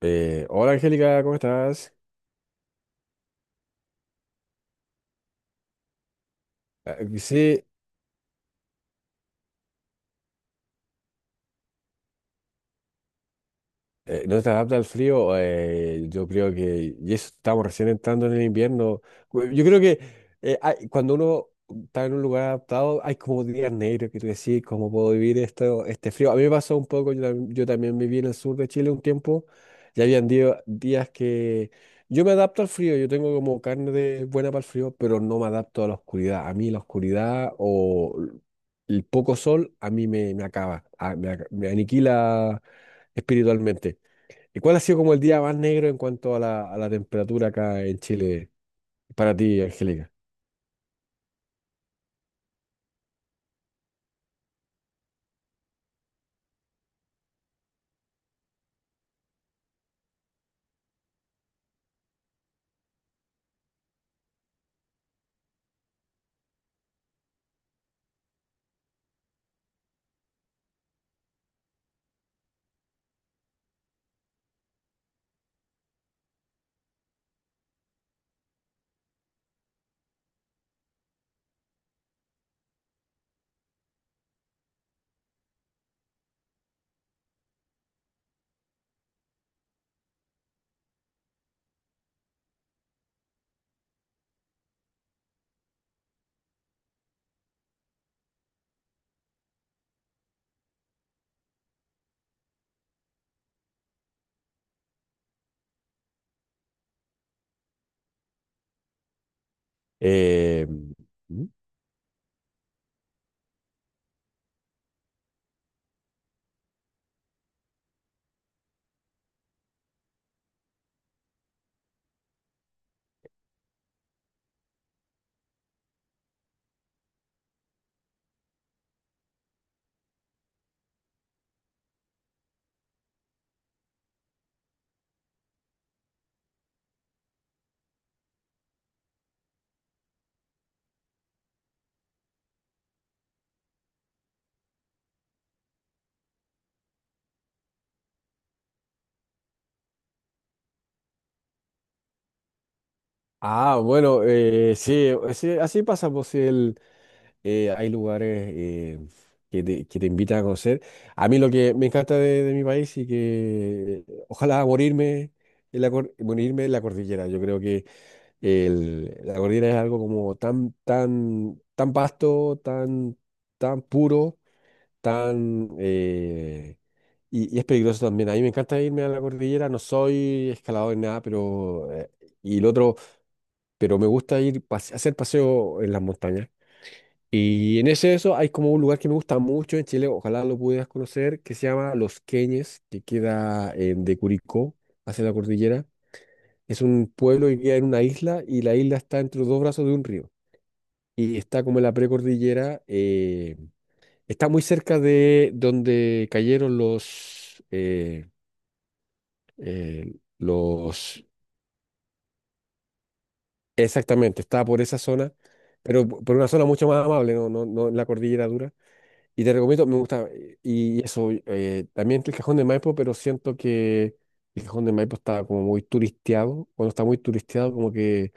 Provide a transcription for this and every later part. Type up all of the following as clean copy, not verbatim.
Hola Angélica, ¿cómo estás? Ah, sí. No te adapta al frío, yo creo que, y eso estamos recién entrando en el invierno. Yo creo que cuando uno está en un lugar adaptado, hay como días negros que tú decís, ¿cómo puedo vivir esto, este frío? A mí me pasó un poco, yo, yo también viví en el sur de Chile un tiempo, y habían días que yo me adapto al frío, yo tengo como carne de buena para el frío, pero no me adapto a la oscuridad, a mí la oscuridad o el poco sol a mí me acaba, me aniquila espiritualmente. ¿Y cuál ha sido como el día más negro en cuanto a a la temperatura acá en Chile para ti, Angélica? Eh, ¿Mm? Ah, bueno, sí, sí, así pasa, pues sí, hay lugares que te invitan a conocer. A mí lo que me encanta de mi país y que ojalá morirme en morirme en la cordillera. Yo creo que la cordillera es algo como tan, tan, tan vasto, tan, tan puro, tan... eh, y es peligroso también. A mí me encanta irme a la cordillera, no soy escalador ni nada, pero... y el otro pero me gusta ir hacer paseo en las montañas. Y en ese eso hay como un lugar que me gusta mucho en Chile, ojalá lo pudieras conocer, que se llama Los Queñes, que queda en, de Curicó hacia la cordillera. Es un pueblo que queda en una isla y la isla está entre los dos brazos de un río. Y está como en la precordillera, está muy cerca de donde cayeron los, exactamente, está por esa zona, pero por una zona mucho más amable, no, no, no en la cordillera dura. Y te recomiendo, me gusta, y eso, también está el Cajón de Maipo, pero siento que el Cajón de Maipo está como muy turisteado, cuando está muy turisteado, como que,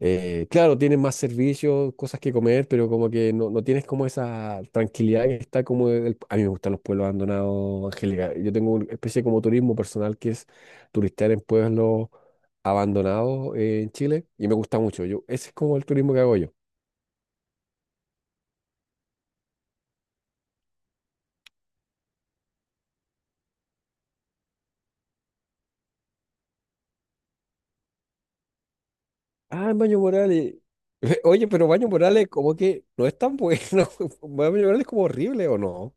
claro, tienes más servicios, cosas que comer, pero como que no, no tienes como esa tranquilidad que está como, a mí me gustan los pueblos abandonados, Angélica, yo tengo una especie como turismo personal que es turistear en pueblos abandonados en Chile, y me gusta mucho, yo, ese es como el turismo que hago yo. Ah, Maño Morales. Oye, pero Maño Morales como que no es tan bueno. Maño Morales es como horrible, ¿o no?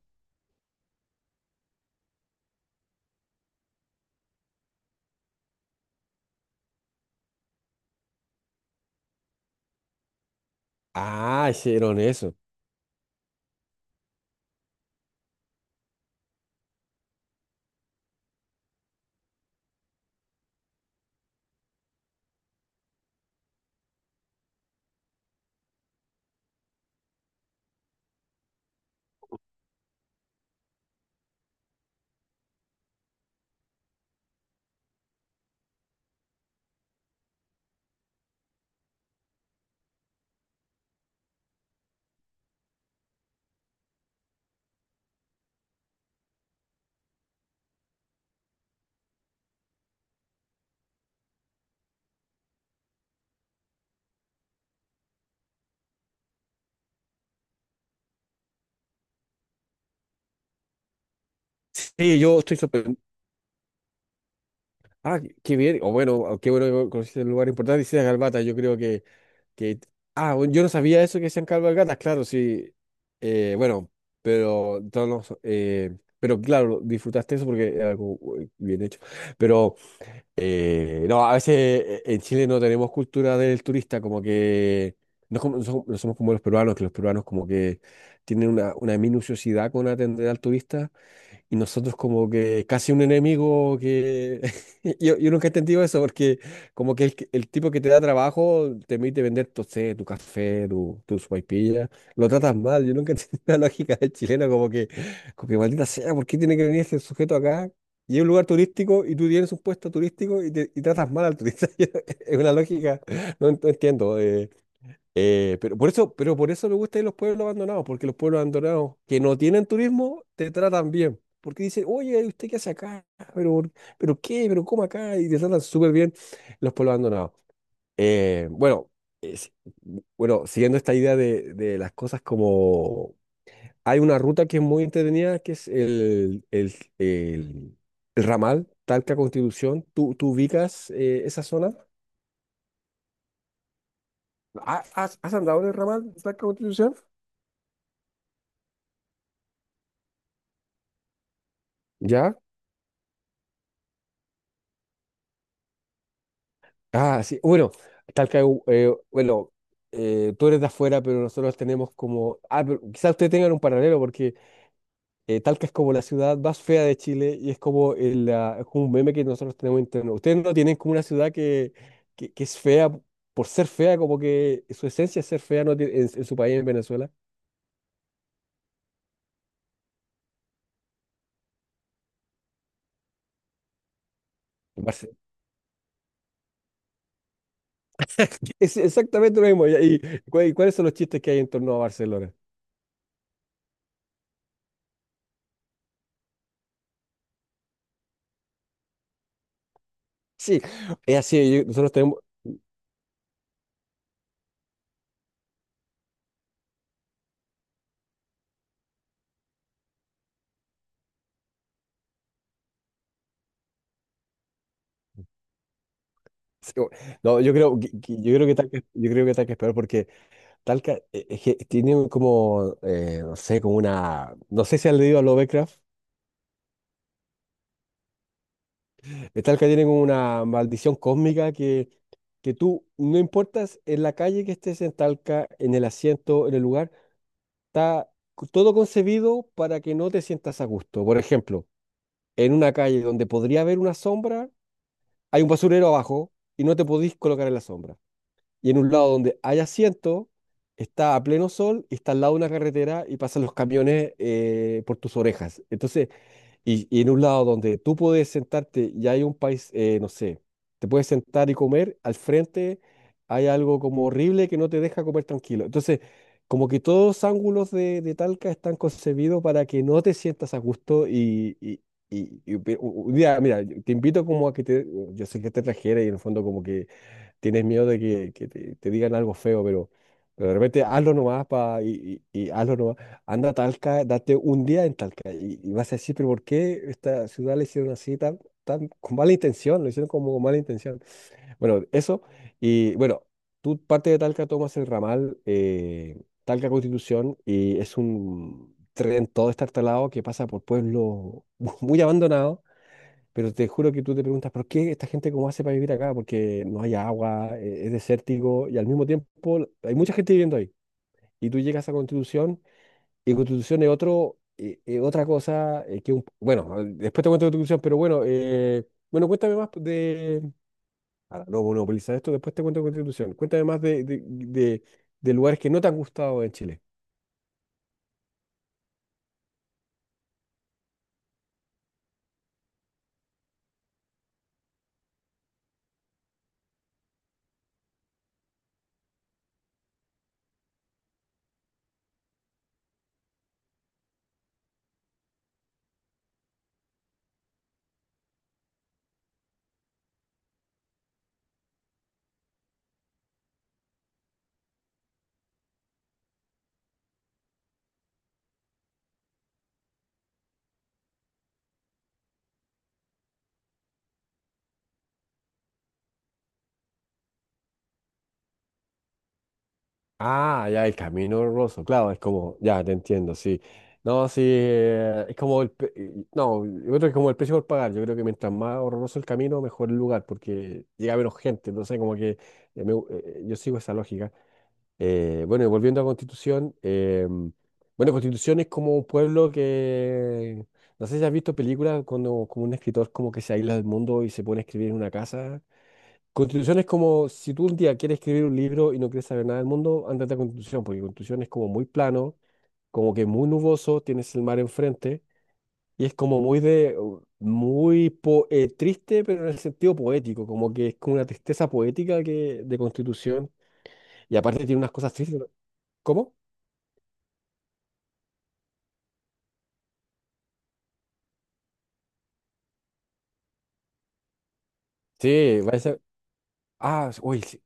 Ah, hicieron eso. Sí, yo estoy sorprendido. Ah, qué bien. O bueno, ah, qué bueno que conociste el lugar importante. Hicieron Calvata, yo creo que... Ah, bueno, yo no sabía eso que sean cabalgatas, claro, sí. Bueno, pero todos pero claro, disfrutaste eso porque era algo bien hecho. Pero... No, a veces en Chile no tenemos cultura del turista, como que no, es no somos no somos como los peruanos, que los peruanos como que tienen una minuciosidad con atender al turista. Y nosotros como que casi un enemigo que... yo nunca he entendido eso porque como que el tipo que te da trabajo te permite vender tu, sé, tu café, tu sopaipilla, lo tratas mal. Yo nunca he entendido la lógica del chileno como que maldita sea, ¿por qué tiene que venir este sujeto acá? Y es un lugar turístico y tú tienes un puesto turístico y tratas mal al turista. Es una lógica, no, no entiendo. Pero por eso, pero por eso me gusta ir los pueblos abandonados, porque los pueblos abandonados que no tienen turismo te tratan bien. Porque dicen, oye, ¿usted qué hace acá? ¿Pero, pero qué? ¿Pero cómo acá? Y te tratan súper bien los pueblos abandonados. Eh, bueno, bueno, siguiendo esta idea de las cosas como... Hay una ruta que es muy entretenida, que es el ramal Talca Constitución. ¿Tú, tú ubicas esa zona? ¿Has, has andado en el ramal Talca Constitución? ¿Ya? Ah, sí. Bueno, Talca, eh, bueno, tú eres de afuera, pero nosotros tenemos como... Ah, pero quizás ustedes tengan un paralelo porque Talca es como la ciudad más fea de Chile y es como, es como un meme que nosotros tenemos interno. Ustedes no tienen como una ciudad que es fea por ser fea, como que su esencia es ser fea no tiene- en su país, en Venezuela. En Barce- Es exactamente lo mismo. ¿Y, y cuáles son los chistes que hay en torno a Barcelona? Sí, es así. Nosotros tenemos, sí, no, yo creo, yo creo que Talca, yo creo que Talca es peor porque Talca es que tiene un como, no sé, como una, no sé si han leído a Lovecraft. Talca tiene como una maldición cósmica que tú, no importas en la calle que estés en Talca, en el asiento, en el lugar, todo concebido para que no te sientas a gusto. Por ejemplo, en una calle donde podría haber una sombra, hay un basurero abajo y no te podís colocar en la sombra. Y en un lado donde hay asiento, está a pleno sol y está al lado de una carretera y pasan los camiones por tus orejas. Entonces, y en un lado donde tú puedes sentarte y hay un país, no sé, te puedes sentar y comer, al frente hay algo como horrible que no te deja comer tranquilo. Entonces, como que todos los ángulos de Talca están concebidos para que no te sientas a gusto y un día, mira, mira, yo te invito como a que te, yo sé que te trajera y en el fondo como que tienes miedo de que, te digan algo feo, pero de repente hazlo nomás pa, y hazlo nomás. Anda a Talca, date un día en Talca y vas a decir, pero ¿por qué esta ciudad la hicieron así tan, tan con mala intención? Lo hicieron como con mala intención. Bueno, eso. Y bueno, tú parte de Talca tomas el ramal Talca Constitución y es un tren todo estartalado que pasa por pueblos muy abandonados pero te juro que tú te preguntas, ¿por qué esta gente cómo hace para vivir acá? Porque no hay agua, es desértico y al mismo tiempo hay mucha gente viviendo ahí. Y tú llegas a Constitución y Constitución es otro, otra cosa que un... Bueno, después te cuento Constitución, pero bueno, bueno, cuéntame más de... Ahora, no monopolizar esto, después te cuento Constitución. Cuéntame más de lugares que no te han gustado en Chile. Ah, ya, el camino roso, claro, es como, ya, te entiendo, sí. No, sí, es como el, no, yo creo que es como el precio por pagar, yo creo que mientras más horroroso el camino, mejor el lugar, porque llega a menos gente, no sé, como que yo sigo esa lógica. Bueno, y volviendo a Constitución, bueno, Constitución es como un pueblo que, no sé si has visto películas cuando como un escritor como que se aísla del mundo y se pone a escribir en una casa. Constitución es como si tú un día quieres escribir un libro y no quieres saber nada del mundo, ándate a Constitución, porque Constitución es como muy plano, como que muy nuboso, tienes el mar enfrente y es como muy de triste, pero en el sentido poético, como que es como una tristeza poética que de Constitución y aparte tiene unas cosas tristes, ¿no? ¿Cómo? Sí, va a ser ah, sí,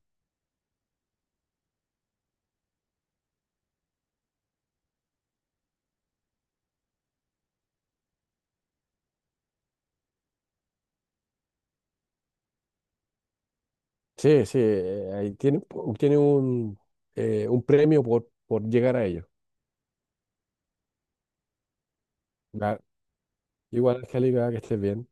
sí, sí, ahí tiene tiene un premio por llegar a ello. Ya, igual, Angélica, que estés bien.